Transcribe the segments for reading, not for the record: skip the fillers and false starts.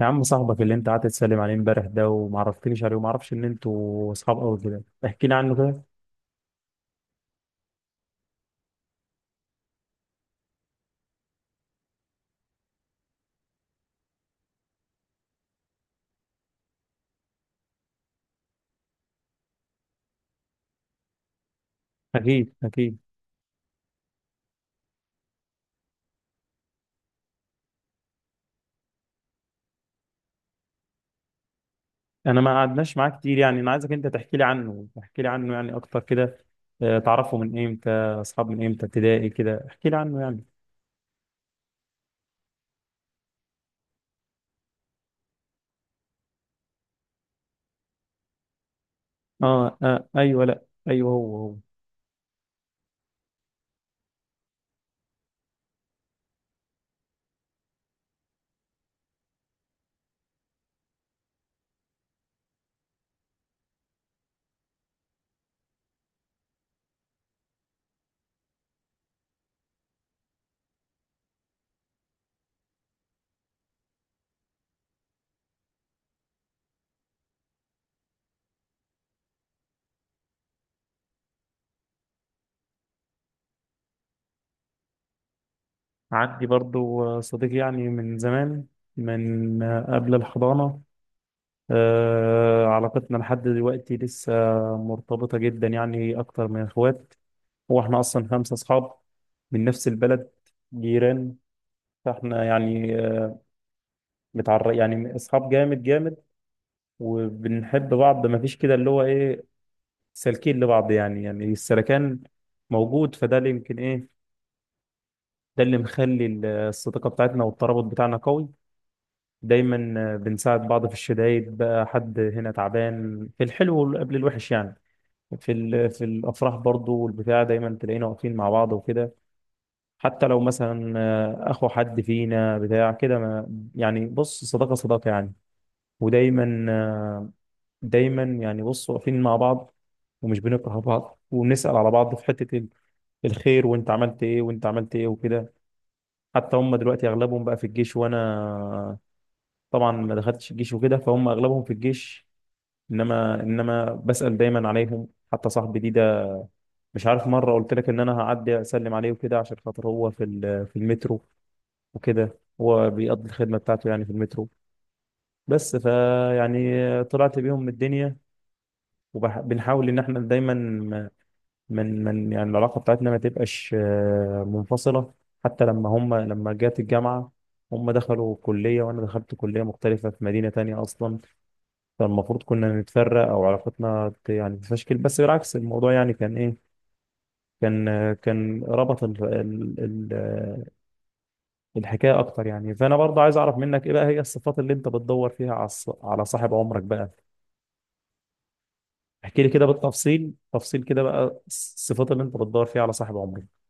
يا عم صاحبك اللي انت قعدت تسلم عليه امبارح ده وما عرفتنيش عليه وما اعرفش ان انتوا اصحاب قوي كده، احكي لي عنه كده. اكيد اكيد. انا ما قعدناش معاه كتير، يعني انا عايزك انت تحكي لي عنه، تحكي لي عنه يعني اكتر كده. اه، تعرفه من امتى؟ اصحاب من امتى؟ ابتدائي كده؟ احكي لي عنه يعني. اه ايوه، لا، ايوه هو هو. عندي برضو صديق يعني من زمان، من قبل الحضانة. علاقتنا لحد دلوقتي لسه مرتبطة جدا، يعني أكتر من إخوات. هو احنا اصلا خمسه اصحاب من نفس البلد، جيران. فاحنا يعني آه، متعر يعني اصحاب جامد جامد، وبنحب بعض. ما فيش كده اللي هو ايه، سالكين لبعض، يعني السلكان موجود، فده اللي يمكن ايه، ده اللي مخلي الصداقه بتاعتنا والترابط بتاعنا قوي. دايما بنساعد بعض في الشدايد، بقى حد هنا تعبان، في الحلو قبل الوحش يعني. في في الافراح برضو والبتاع دايما تلاقينا واقفين مع بعض وكده. حتى لو مثلا اخو حد فينا بتاع كده، ما يعني بص، صداقه صداقه يعني. ودايما دايما يعني بص واقفين مع بعض، ومش بنكره بعض، وبنسال على بعض في حته الخير، وانت عملت ايه، وانت عملت ايه وكده. حتى هم دلوقتي اغلبهم بقى في الجيش، وانا طبعا ما دخلتش الجيش وكده، فهم اغلبهم في الجيش. انما بسال دايما عليهم. حتى صاحبي دي ده، مش عارف مره قلت لك ان انا هعدي اسلم عليه وكده عشان خاطر هو في في المترو وكده، هو بيقضي الخدمة بتاعته يعني في المترو. بس فيعني طلعت بيهم من الدنيا، وبنحاول ان احنا دايما من يعني العلاقة بتاعتنا ما تبقاش منفصلة. حتى لما هم لما جت الجامعة، هم دخلوا كلية وانا دخلت كلية مختلفة في مدينة تانية اصلا، فالمفروض كنا نتفرق او علاقتنا يعني تتفشكل، بس بالعكس الموضوع يعني كان ايه، كان كان ربط ال- الحكايه اكتر يعني. فانا برضه عايز اعرف منك ايه بقى هي الصفات اللي انت بتدور فيها على على صاحب عمرك بقى. احكي لي كده بالتفصيل تفصيل كده بقى الصفات اللي انت بتدور فيها على صاحب عمرك.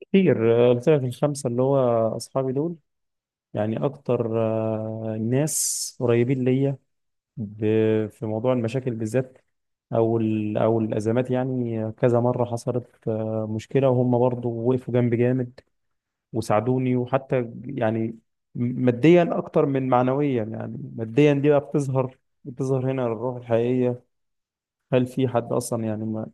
كتير، قلت لك الخمسه اللي هو اصحابي دول، يعني اكتر ناس قريبين ليا. في موضوع المشاكل بالذات او او الازمات، يعني كذا مره حصلت مشكله وهم برضه وقفوا جنبي جامد وساعدوني. وحتى يعني ماديا اكتر من معنويا، يعني ماديا دي بقى بتظهر هنا الروح الحقيقية. هل في حد اصلا يعني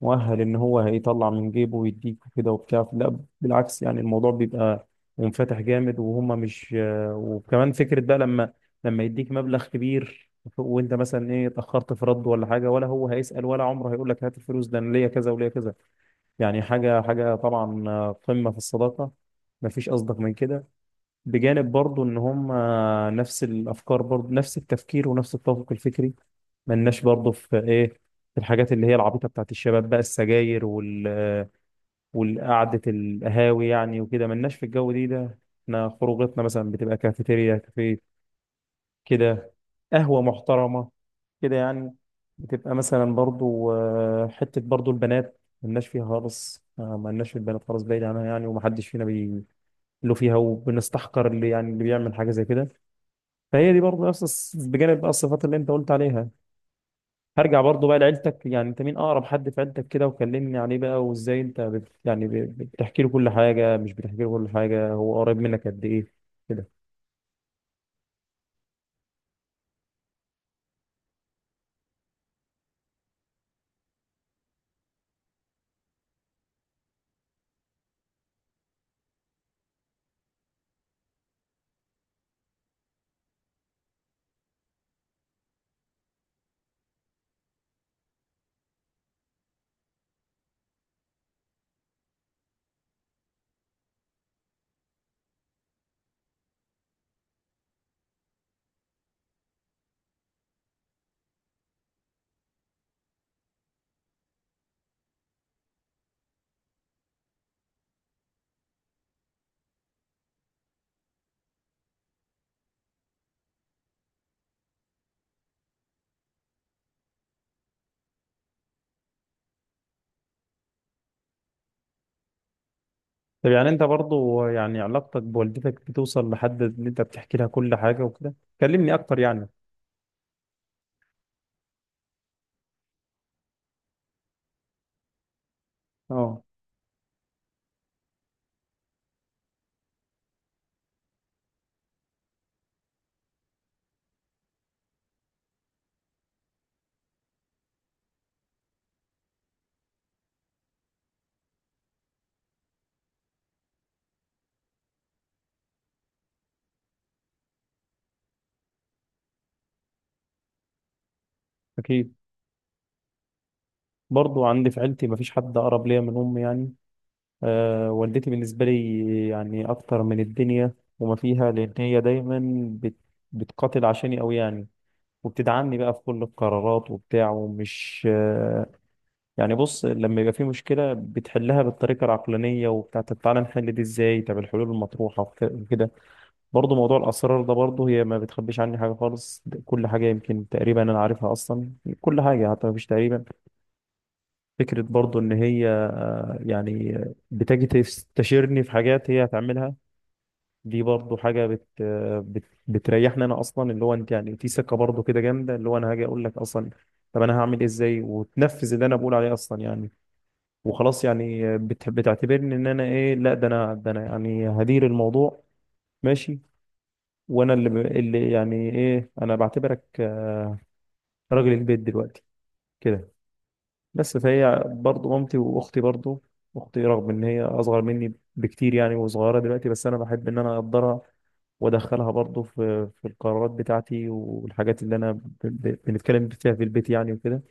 مؤهل ان هو هيطلع من جيبه ويديك وكده وبتاع؟ لا بالعكس، يعني الموضوع بيبقى منفتح جامد، وهم مش وكمان فكرة بقى لما لما يديك مبلغ كبير، وانت مثلا ايه اتاخرت في رد ولا حاجه، ولا هو هيسال، ولا عمره هيقول لك هات الفلوس، ده انا ليا كذا وليا كذا. يعني حاجه حاجه طبعا، قمه في الصداقه، مفيش اصدق من كده. بجانب برضو ان هم نفس الافكار، برضو نفس التفكير ونفس التوافق الفكري. ملناش برضو في ايه، في الحاجات اللي هي العبيطه بتاعت الشباب بقى، السجاير وال والقعده القهاوي يعني وكده، ملناش في الجو دي ده. احنا خروجاتنا مثلا بتبقى كافيتيريا كافيه كده، قهوه محترمه كده يعني. بتبقى مثلا برضو حته برضو البنات، ملناش فيها خالص، ملناش في البنات خالص، بعيد عنها يعني، ومحدش فينا بي له فيها، وبنستحقر اللي يعني اللي بيعمل حاجه زي كده. فهي دي برضه نفس بجانب بقى الصفات اللي انت قلت عليها. هرجع برضه بقى لعيلتك، يعني انت مين اقرب حد في عيلتك كده؟ وكلمني عليه بقى، وازاي انت بت يعني بتحكي له كل حاجه، مش بتحكي له كل حاجه، هو قريب منك قد ايه كده؟ طب يعني انت برضه يعني علاقتك بوالدتك بتوصل لحد ان انت بتحكي لها كل حاجه وكده؟ كلمني اكتر يعني. اه، اكيد. برضه عندي في عيلتي مفيش حد اقرب ليا من امي يعني. والدتي بالنسبة لي يعني أكتر من الدنيا وما فيها، لأن هي دايما بت... بتقاتل عشاني أوي يعني، وبتدعمني بقى في كل القرارات وبتاع، ومش يعني بص، لما يبقى في مشكلة بتحلها بالطريقة العقلانية وبتاع، طب تعالى نحل دي إزاي، طب الحلول المطروحة وكده. برضه موضوع الأسرار ده، برضه هي ما بتخبيش عني حاجة خالص، ده كل حاجة يمكن تقريبا أنا عارفها أصلا. كل حاجة حتى، مفيش تقريبا. فكرة برضه إن هي يعني بتجي تستشيرني في حاجات هي هتعملها، دي برضو حاجة بتريحني أنا أصلا، اللي هو أنت يعني في ثقة برضو كده جامدة، اللي هو أنا هاجي أقول لك أصلا طب أنا هعمل إيه إزاي، وتنفذ اللي أنا بقول عليه أصلا يعني، وخلاص يعني بتعتبرني إن أنا إيه، لا ده أنا، ده أنا يعني هدير الموضوع، ماشي. وأنا اللي اللي يعني إيه، أنا بعتبرك راجل البيت دلوقتي كده. بس فهي برضه مامتي، واختي برضه، اختي رغم ان هي اصغر مني بكتير يعني وصغيره دلوقتي، بس انا بحب ان انا اقدرها وادخلها برضه في القرارات بتاعتي والحاجات اللي انا بنتكلم فيها في البيت يعني وكده،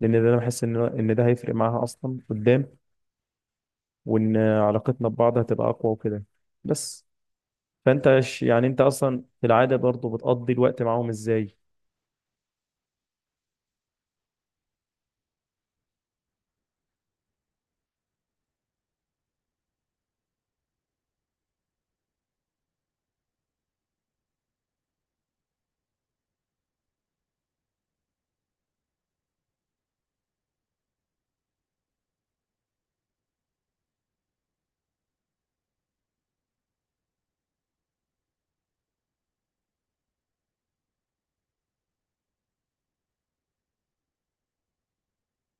لان ده انا بحس ان ده هيفرق معاها اصلا قدام، وان علاقتنا ببعض هتبقى اقوى وكده. بس فانت يعني انت اصلا في العاده برضه بتقضي الوقت معاهم ازاي؟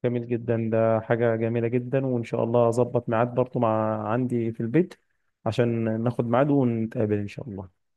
جميل جدا، ده حاجة جميلة جدا، وإن شاء الله أظبط ميعاد برضه مع عندي في البيت عشان ناخد ميعاد ونتقابل إن شاء الله.